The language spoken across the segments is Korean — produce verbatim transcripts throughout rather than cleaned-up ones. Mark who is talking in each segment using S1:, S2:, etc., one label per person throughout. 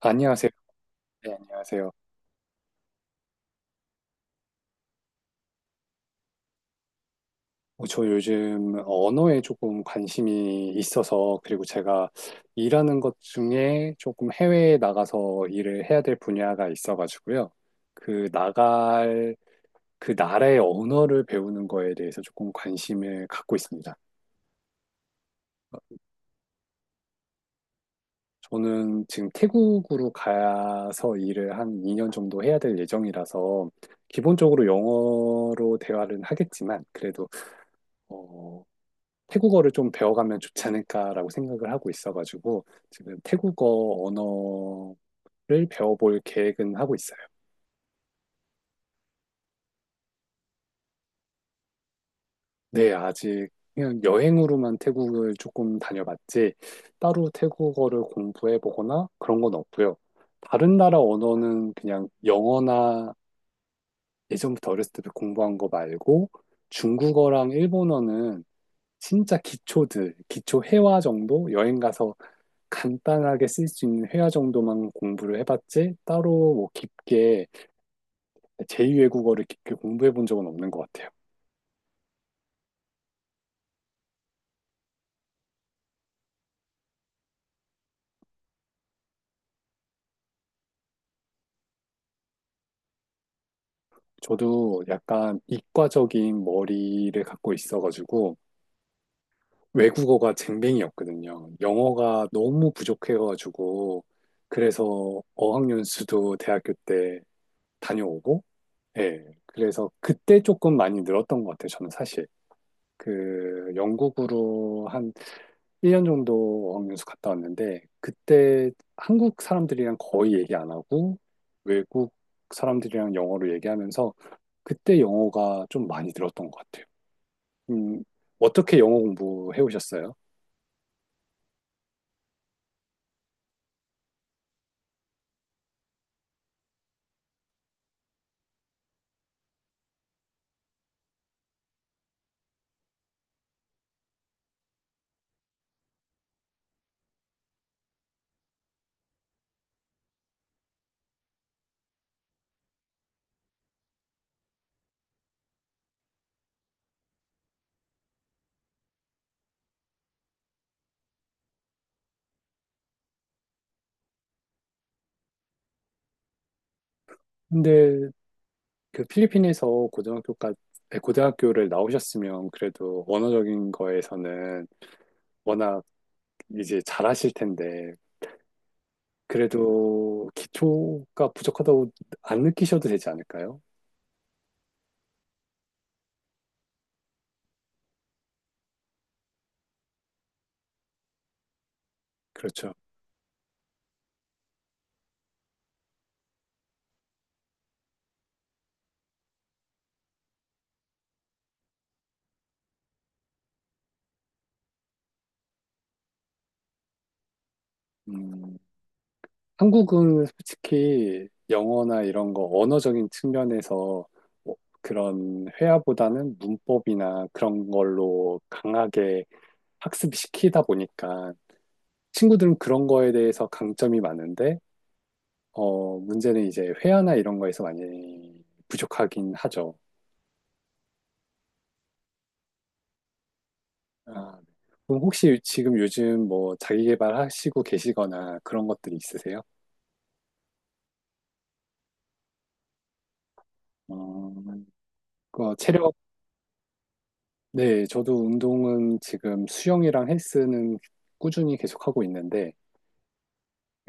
S1: 안녕하세요. 네, 안녕하세요. 어, 저 요즘 언어에 조금 관심이 있어서, 그리고 제가 일하는 것 중에 조금 해외에 나가서 일을 해야 될 분야가 있어가지고요. 그 나갈, 그 나라의 언어를 배우는 거에 대해서 조금 관심을 갖고 있습니다. 저는 지금 태국으로 가서 일을 한 이 년 정도 해야 될 예정이라서, 기본적으로 영어로 대화를 하겠지만, 그래도 어, 태국어를 좀 배워가면 좋지 않을까라고 생각을 하고 있어가지고 지금 태국어 언어를 배워볼 계획은 하고 있어요. 네, 아직 그냥 여행으로만 태국을 조금 다녀봤지 따로 태국어를 공부해보거나 그런 건 없고요. 다른 나라 언어는 그냥 영어나 예전부터 어렸을 때 공부한 거 말고 중국어랑 일본어는 진짜 기초들, 기초 회화 정도 여행 가서 간단하게 쓸 수 있는 회화 정도만 공부를 해봤지 따로 뭐 깊게 제이 외국어를 깊게 공부해 본 적은 없는 것 같아요. 저도 약간 이과적인 머리를 갖고 있어가지고 외국어가 쟁뱅이었거든요. 영어가 너무 부족해가지고 그래서 어학연수도 대학교 때 다녀오고 예. 그래서 그때 조금 많이 늘었던 것 같아요. 저는 사실 그 영국으로 한 일 년 정도 어학연수 갔다 왔는데 그때 한국 사람들이랑 거의 얘기 안 하고 외국 사람들이랑 영어로 얘기하면서 그때 영어가 좀 많이 늘었던 것 같아요. 음, 어떻게 영어 공부해 오셨어요? 근데 그 필리핀에서 고등학교까지 네, 고등학교를 나오셨으면 그래도 언어적인 거에서는 워낙 이제 잘하실 텐데 그래도 기초가 부족하다고 안 느끼셔도 되지 않을까요? 그렇죠. 음, 한국은 솔직히 영어나 이런 거 언어적인 측면에서 뭐 그런 회화보다는 문법이나 그런 걸로 강하게 학습시키다 보니까 친구들은 그런 거에 대해서 강점이 많은데, 어, 문제는 이제 회화나 이런 거에서 많이 부족하긴 하죠. 아, 그럼 혹시 지금 요즘 뭐 자기계발 하시고 계시거나 그런 것들이 있으세요? 어, 그 네, 저도 운동은 지금 수영이랑 헬스는 꾸준히 계속하고 있는데,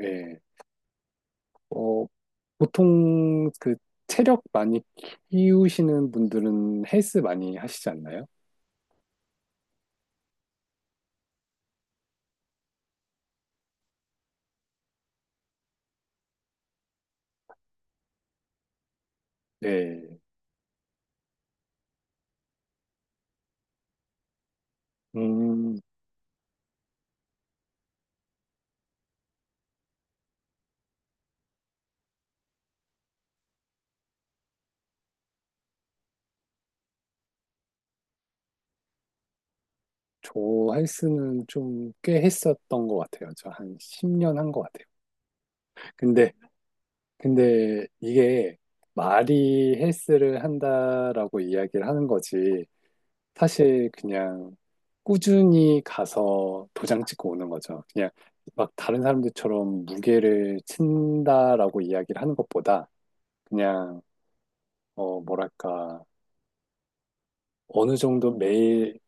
S1: 예, 어, 보통 그 체력 많이 키우시는 분들은 헬스 많이 하시지 않나요? 네, 음, 저 헬스는 좀 꽤 했었던 것 같아요. 저 한 십 년 한 것 같아요. 근데, 근데 이게 말이 헬스를 한다라고 이야기를 하는 거지, 사실 그냥 꾸준히 가서 도장 찍고 오는 거죠. 그냥 막 다른 사람들처럼 무게를 친다라고 이야기를 하는 것보다 그냥 어 뭐랄까 어느 정도 매일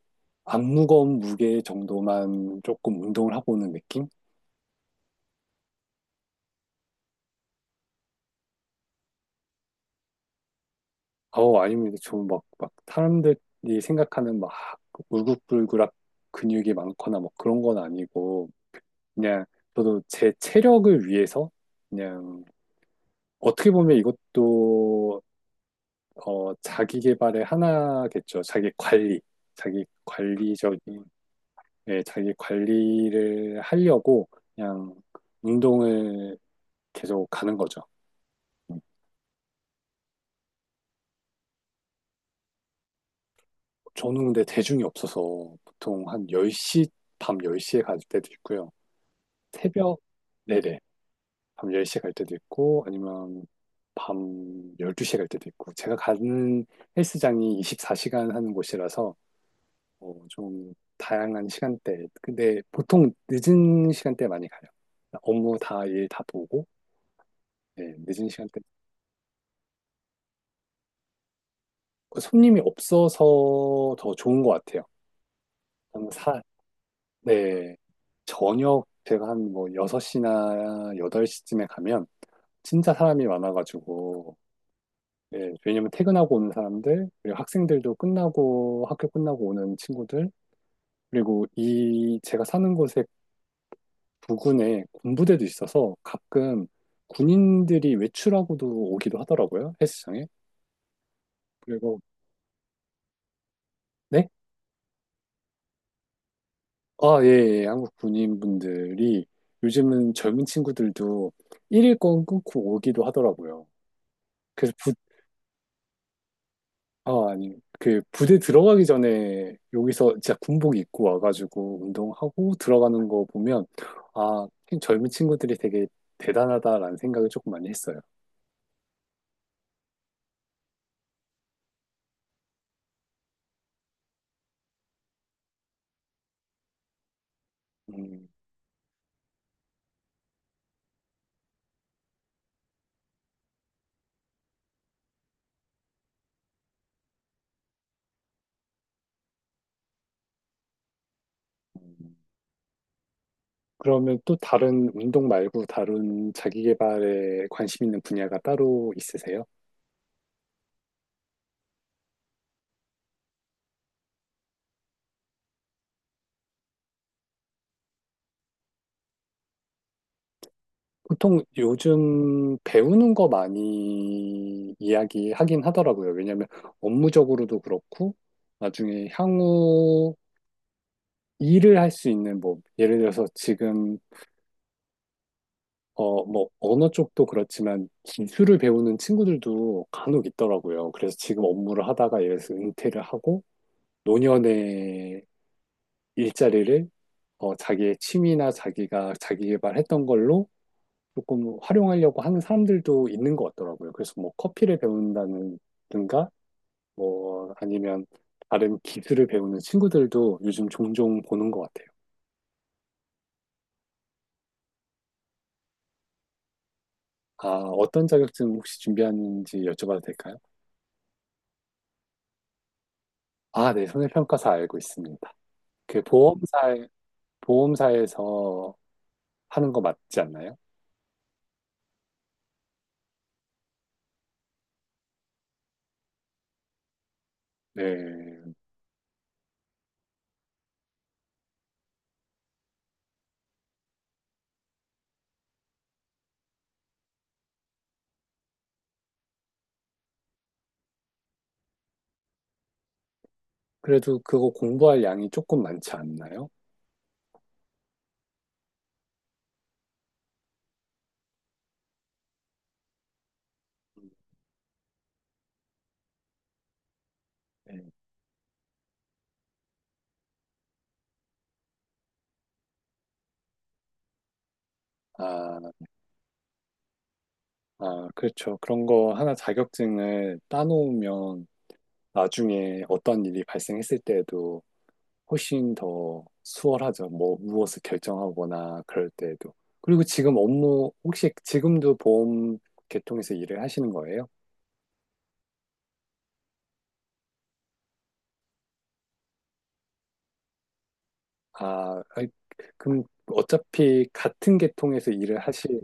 S1: 안 무거운 무게 정도만 조금 운동을 하고 오는 느낌? 어 아니면 좀막막 사람들이 생각하는 막 울긋불긋한 근육이 많거나 뭐 그런 건 아니고 그냥 저도 제 체력을 위해서 그냥 어떻게 보면 이것도 어, 자기 개발의 하나겠죠. 자기 관리, 자기 관리적인, 예, 자기 관리를 하려고 그냥 운동을 계속 가는 거죠. 저는 근데 대중이 없어서 보통 한 열 시, 밤 열 시에 갈 때도 있고요. 새벽, 네네, 밤 열 시에 갈 때도 있고, 아니면 밤 열두 시에 갈 때도 있고, 제가 가는 헬스장이 이십사 시간 하는 곳이라서 어, 좀 다양한 시간대. 근데 보통 늦은 시간대에 많이 가요. 업무 다, 일 다 보고, 네, 늦은 시간대. 그 손님이 없어서 더 좋은 것 같아요. 저는 사, 네. 저녁 제가 한 뭐 여섯 시나 여덟 시쯤에 가면 진짜 사람이 많아가지고, 예, 왜냐면 퇴근하고 오는 사람들, 그리고 학생들도 끝나고, 학교 끝나고 오는 친구들, 그리고 이 제가 사는 곳에 부근에 군부대도 있어서 가끔 군인들이 외출하고도 오기도 하더라고요, 헬스장에. 그리고, 네? 아, 예, 예. 예. 한국 군인분들이 요즘은 젊은 친구들도 일일권 끊고 오기도 하더라고요. 그래서 부, 아, 아니, 그 부대 들어가기 전에 여기서 진짜 군복 입고 와가지고 운동하고 들어가는 거 보면, 아, 젊은 친구들이 되게 대단하다라는 생각을 조금 많이 했어요. 음. 음. 그러면 또 다른 운동 말고 다른 자기 개발에 관심 있는 분야가 따로 있으세요? 보통 요즘 배우는 거 많이 이야기하긴 하더라고요. 왜냐하면 업무적으로도 그렇고 나중에 향후 일을 할 수 있는 뭐 예를 들어서 지금 어 뭐 언어 쪽도 그렇지만 기술을 배우는 친구들도 간혹 있더라고요. 그래서 지금 업무를 하다가 예를 들어서 은퇴를 하고 노년에 일자리를 어, 자기의 취미나 자기가 자기 개발했던 걸로 조금 활용하려고 하는 사람들도 있는 것 같더라고요. 그래서 뭐 커피를 배운다든가 뭐 아니면 다른 기술을 배우는 친구들도 요즘 종종 보는 것 같아요. 아, 어떤 자격증 혹시 준비하는지 여쭤봐도 될까요? 아, 네, 손해평가사 알고 있습니다. 그 보험사, 보험사에서 하는 거 맞지 않나요? 네. 그래도 그거 공부할 양이 조금 많지 않나요? 네. 아, 아, 그렇죠. 그런 거 하나 자격증을 따놓으면 나중에 어떤 일이 발생했을 때에도 훨씬 더 수월하죠. 뭐, 무엇을 결정하거나 그럴 때에도. 그리고 지금 업무, 혹시 지금도 보험 계통에서 일을 하시는 거예요? 아, 아이, 그럼 어차피 같은 계통에서 일을 하실,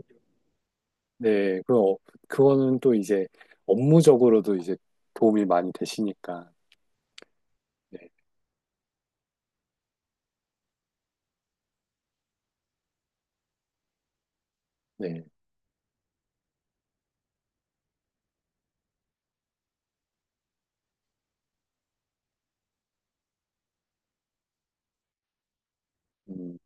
S1: 네, 그, 어, 그거는 또 이제 업무적으로도 이제 도움이 많이 되시니까. 네, 네. 음.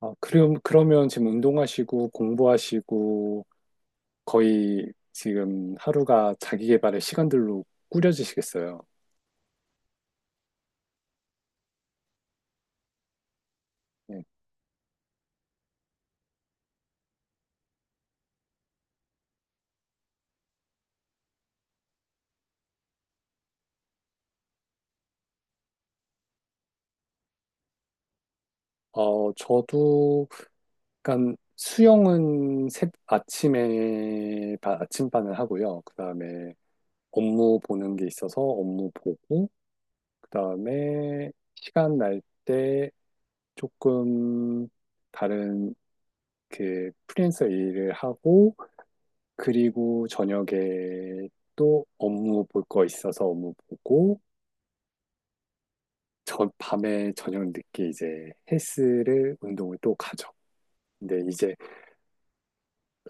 S1: 아, 그럼, 그러면 지금 운동하시고 공부하시고 거의 지금 하루가 자기 개발의 시간들로 꾸려지시겠어요. 예. 어, 저도 약간 수영은 새, 아침에 바- 아침반을 하고요. 그다음에 업무 보는 게 있어서 업무 보고 그다음에 시간 날 때 조금 다른 그 프리랜서 일을 하고 그리고 저녁에 또 업무 볼 거 있어서 업무 보고, 저 밤에 저녁 늦게 이제 헬스를, 운동을 또 가죠. 근데 이제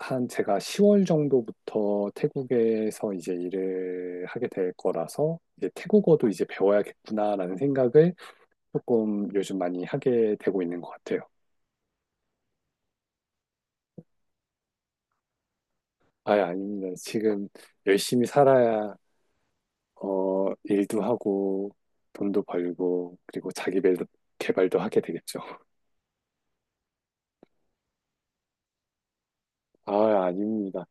S1: 한 제가 시월 정도부터 태국에서 이제 일을 하게 될 거라서 이제 태국어도 이제 배워야겠구나라는 생각을 조금 요즘 많이 하게 되고 있는 것 같아요. 아예 아닙니다. 지금 열심히 살아야 어 일도 하고 돈도 벌고 그리고 자기 배- 개발도 하게 되겠죠. 아, 아닙니다.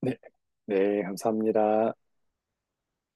S1: 네, 네, 감사합니다.